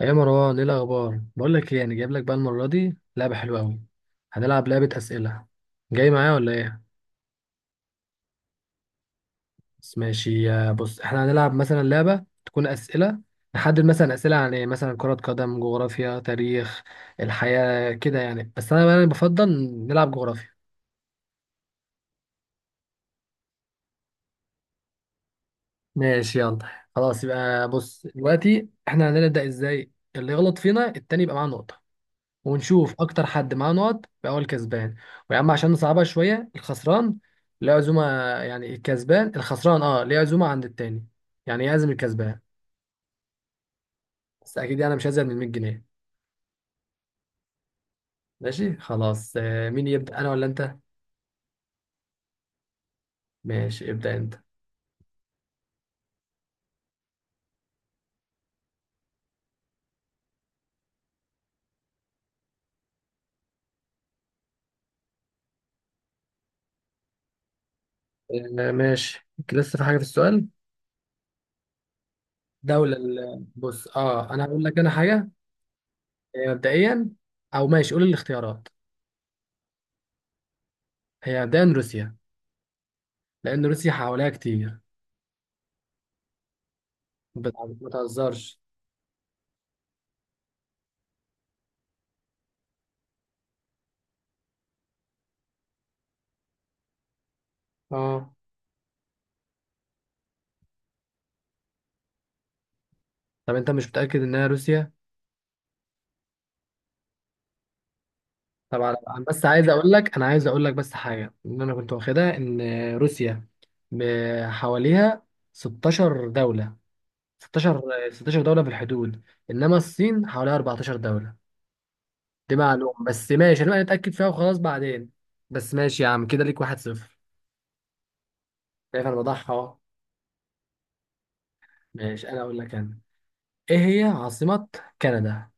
يا مروان، ايه الاخبار؟ بقول لك ايه، يعني جايب لك بقى المره دي لعبه حلوه قوي. هنلعب لعبه اسئله. جاي معايا ولا ايه؟ بس ماشي، يا بص احنا هنلعب مثلا لعبه تكون اسئله. نحدد مثلا اسئله عن ايه، مثلا كره قدم، جغرافيا، تاريخ، الحياه كده يعني. بس انا يعني بفضل نلعب جغرافيا. ماشي يلا. خلاص، يبقى بص دلوقتي احنا هنبدا ازاي، اللي يغلط فينا التاني يبقى معاه نقطه. ونشوف اكتر حد معاه نقط بقى هو الكسبان. ويا عم، عشان نصعبها شويه، الخسران ليه عزومه، يعني الكسبان الخسران، اه ليه عزومه عند التاني، يعني يعزم الكسبان. بس اكيد يعني، انا مش هزيد من 100 جنيه. ماشي خلاص، مين يبدا، انا ولا انت؟ ماشي، ابدا انت. ماشي، لسه في حاجه في السؤال؟ دوله بص، اه انا هقول لك انا حاجه. مبدئيا. او ماشي، قول الاختيارات. هي مبدئيا روسيا، لان روسيا حواليها كتير. بت- ما تهزرش. اه. طب انت مش متاكد انها روسيا؟ طبعا، أنا بس عايز اقول لك انا عايز اقول لك بس حاجه، ان انا كنت واخدها ان روسيا حواليها 16 دوله، 16، 16 دوله في الحدود. انما الصين حواليها 14 دوله. دي معلومه بس، ماشي انا اتاكد فيها وخلاص بعدين. بس ماشي يا عم، كده ليك واحد صفر. شايف انا بضحى اهو. ماشي، انا اقول لك انا، ايه هي عاصمه كندا؟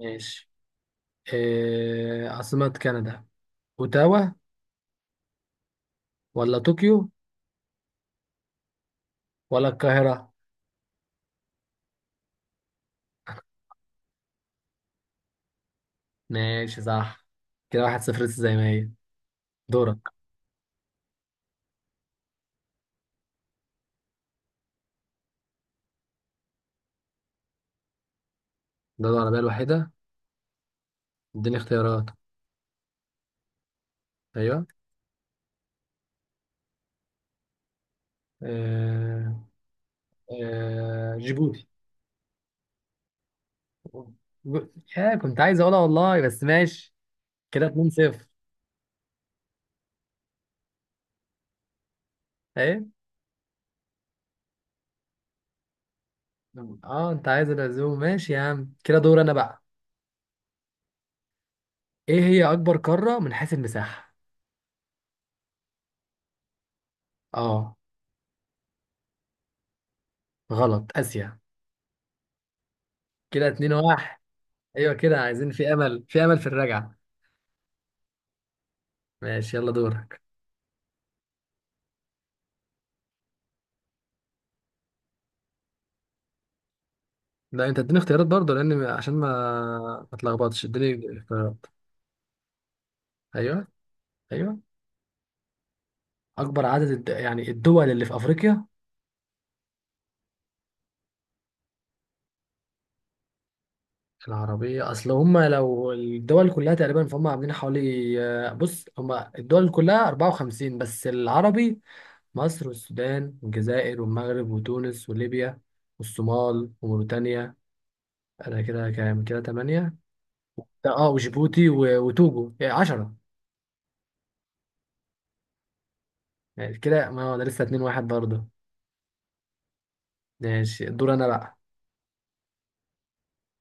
ماشي. إيه عاصمه كندا، اوتاوا ولا طوكيو ولا القاهره؟ ماشي صح. كده واحد صفر لسه زي ما هي. دورك. دولة عربية الوحيدة؟ اديني اختيارات. ايوه. آه... جيبوتي. يا كنت عايز اقولها والله، بس ماشي. كده 2-0. ايه؟ اه، انت عايز العزوم. ماشي يا عم، كده دور انا بقى. ايه هي اكبر قارة من حيث المساحة؟ اه. غلط، اسيا. كده 2-1. ايوه كده، عايزين في امل، في امل في الرجعة. ماشي يلا، دورك. لا، انت اديني اختيارات برضه، لان عشان ما اتلخبطش، اديني اختيارات. ايوه، ايوه، اكبر عدد يعني الدول اللي في افريقيا. العربيه، اصل هم لو الدول كلها تقريبا فهم عاملين حوالي. بص هم الدول كلها 54، بس العربي مصر والسودان والجزائر والمغرب وتونس وليبيا والصومال وموريتانيا. انا كده كام، كده 8. اه، وجيبوتي، وتوجو، يعني 10. يعني كده، ما هو ده لسه 2-1 برضه. ماشي، الدور انا بقى.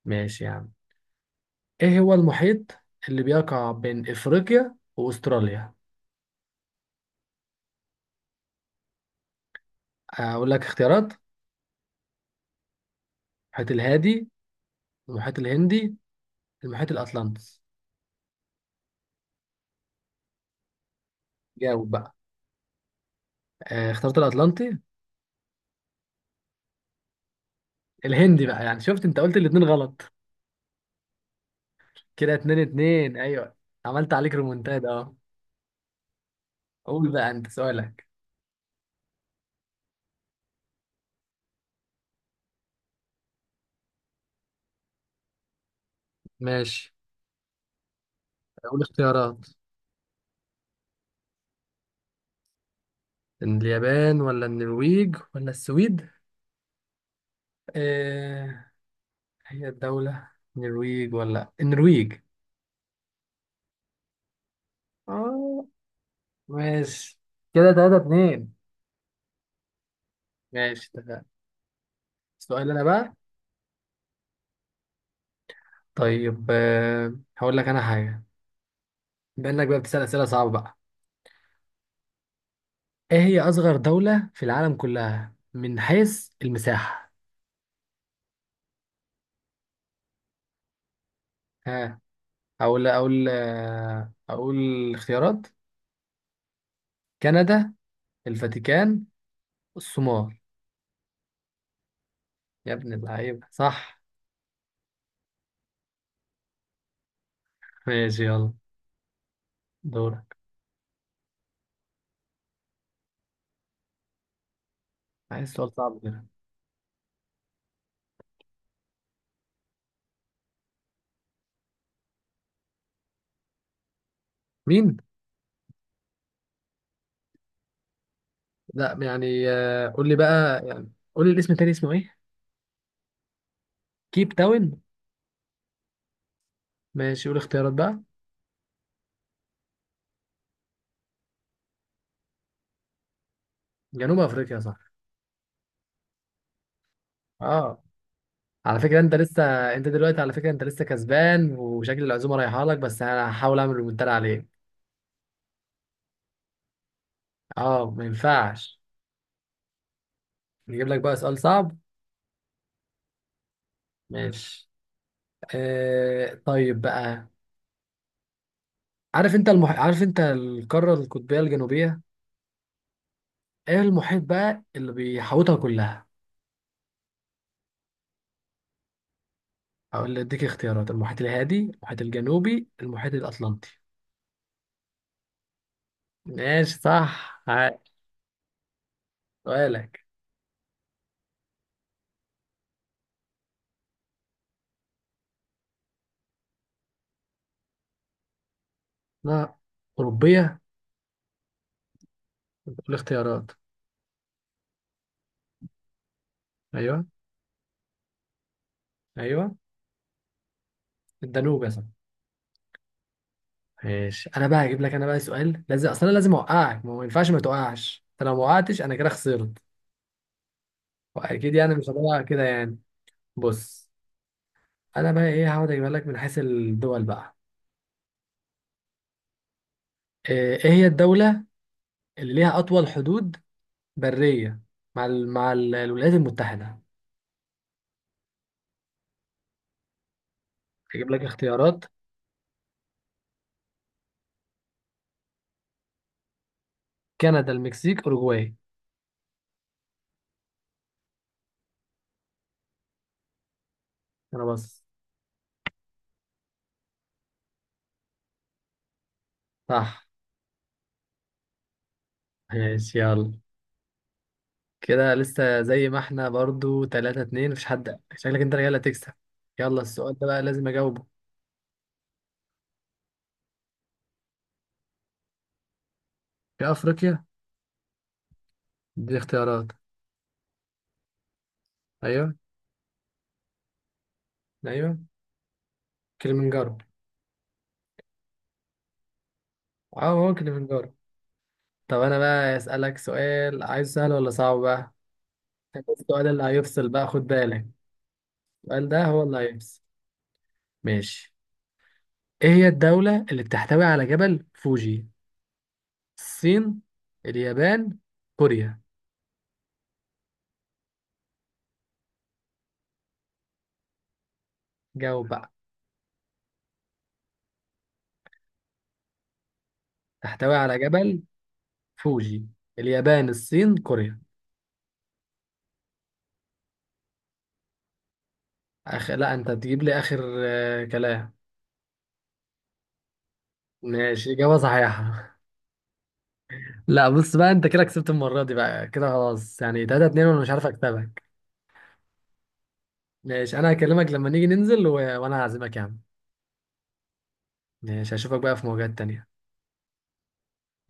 ماشي يا عم. ايه هو المحيط اللي بيقع بين افريقيا واستراليا؟ اقول لك اختيارات؟ المحيط الهادي، المحيط الهندي، المحيط الاطلنطي. جاوب بقى. اخترت الاطلنطي؟ الهندي بقى، يعني شفت، انت قلت الاتنين غلط. كده اتنين اتنين، ايوه. عملت عليك ريمونتاد، اه. قول بقى انت سؤالك. ماشي، قول اختيارات. اليابان ولا النرويج ولا السويد؟ آه هي الدولة، النرويج ولا النرويج؟ اه. ماشي. كده تلاتة اتنين. ماشي تمام. السؤال انا بقى. طيب، هقول لك انا حاجه. بما انك بقى بتسال اسئله صعبه بقى، ايه هي اصغر دوله في العالم كلها من حيث المساحه؟ ها. اقول اختيارات. كندا، الفاتيكان، الصومال. يا ابن اللعيبه، صح. ماشي يلا، دورك. عايز سؤال صعب كده. مين؟ لا، يعني قول لي بقى، يعني قول لي الاسم التاني اسمه ايه. كيب تاون. ماشي، قول اختيارات بقى. جنوب افريقيا، صح. اه، على فكرة انت لسه. انت دلوقتي على فكرة انت لسه كسبان، وشكل العزومة رايحة لك، بس انا هحاول اعمل ريمونتادا عليك. اه، ما ينفعش. نجيب لك بقى سؤال صعب. ماشي. طيب بقى. عارف انت القارة القطبية الجنوبية؟ ايه المحيط بقى اللي بيحوطها كلها؟ او اللي اديك اختيارات. المحيط الهادي، المحيط الجنوبي، المحيط الاطلنطي. ماشي صح. ها، سؤالك؟ لا، اوروبية. الاختيارات؟ ايوه، ايوه، الدانوب يا صاحبي. ماشي، انا بقى هجيب لك انا بقى سؤال، لازم اصلا لازم اوقعك. ما هو ما ينفعش ما توقعش انت، لو ما وقعتش انا كده خسرت. واكيد يعني، مش هبقى كده يعني. بص، انا بقى ايه، هقعد اجيب لك من حيث الدول بقى. إيه هي الدولة اللي ليها اطول حدود برية مع الولايات المتحدة. هجيب لك اختيارات. كندا، المكسيك، اوروجواي. انا بس. صح ماشي يلا. كده لسه زي ما احنا برضو 3-2، مفيش حد. شكلك انت رجاله تكسب. يلا، السؤال ده بقى لازم اجاوبه. في افريقيا؟ دي اختيارات. ايوه، ايوه، كليمنجارو. اه، هو كليمنجارو. طب، انا بقى اسالك سؤال، عايز سهل ولا صعب بقى؟ السؤال اللي هيفصل بقى، خد بالك. السؤال ده هو اللي هيفصل. ماشي. ايه هي الدولة اللي بتحتوي على جبل فوجي؟ الصين، اليابان، كوريا. جاوب بقى. تحتوي على جبل فوجي. اليابان، الصين، كوريا. لا، انت تجيب لي اخر كلام. ماشي، اجابة صحيحة. لا، بص بقى، انت كده كسبت المرة دي، بقى كده خلاص يعني، 3-2، وانا مش عارف اكسبك. ماشي، انا هكلمك لما نيجي ننزل وانا هعزمك يا عم. ماشي، هشوفك بقى في مواجهات تانية.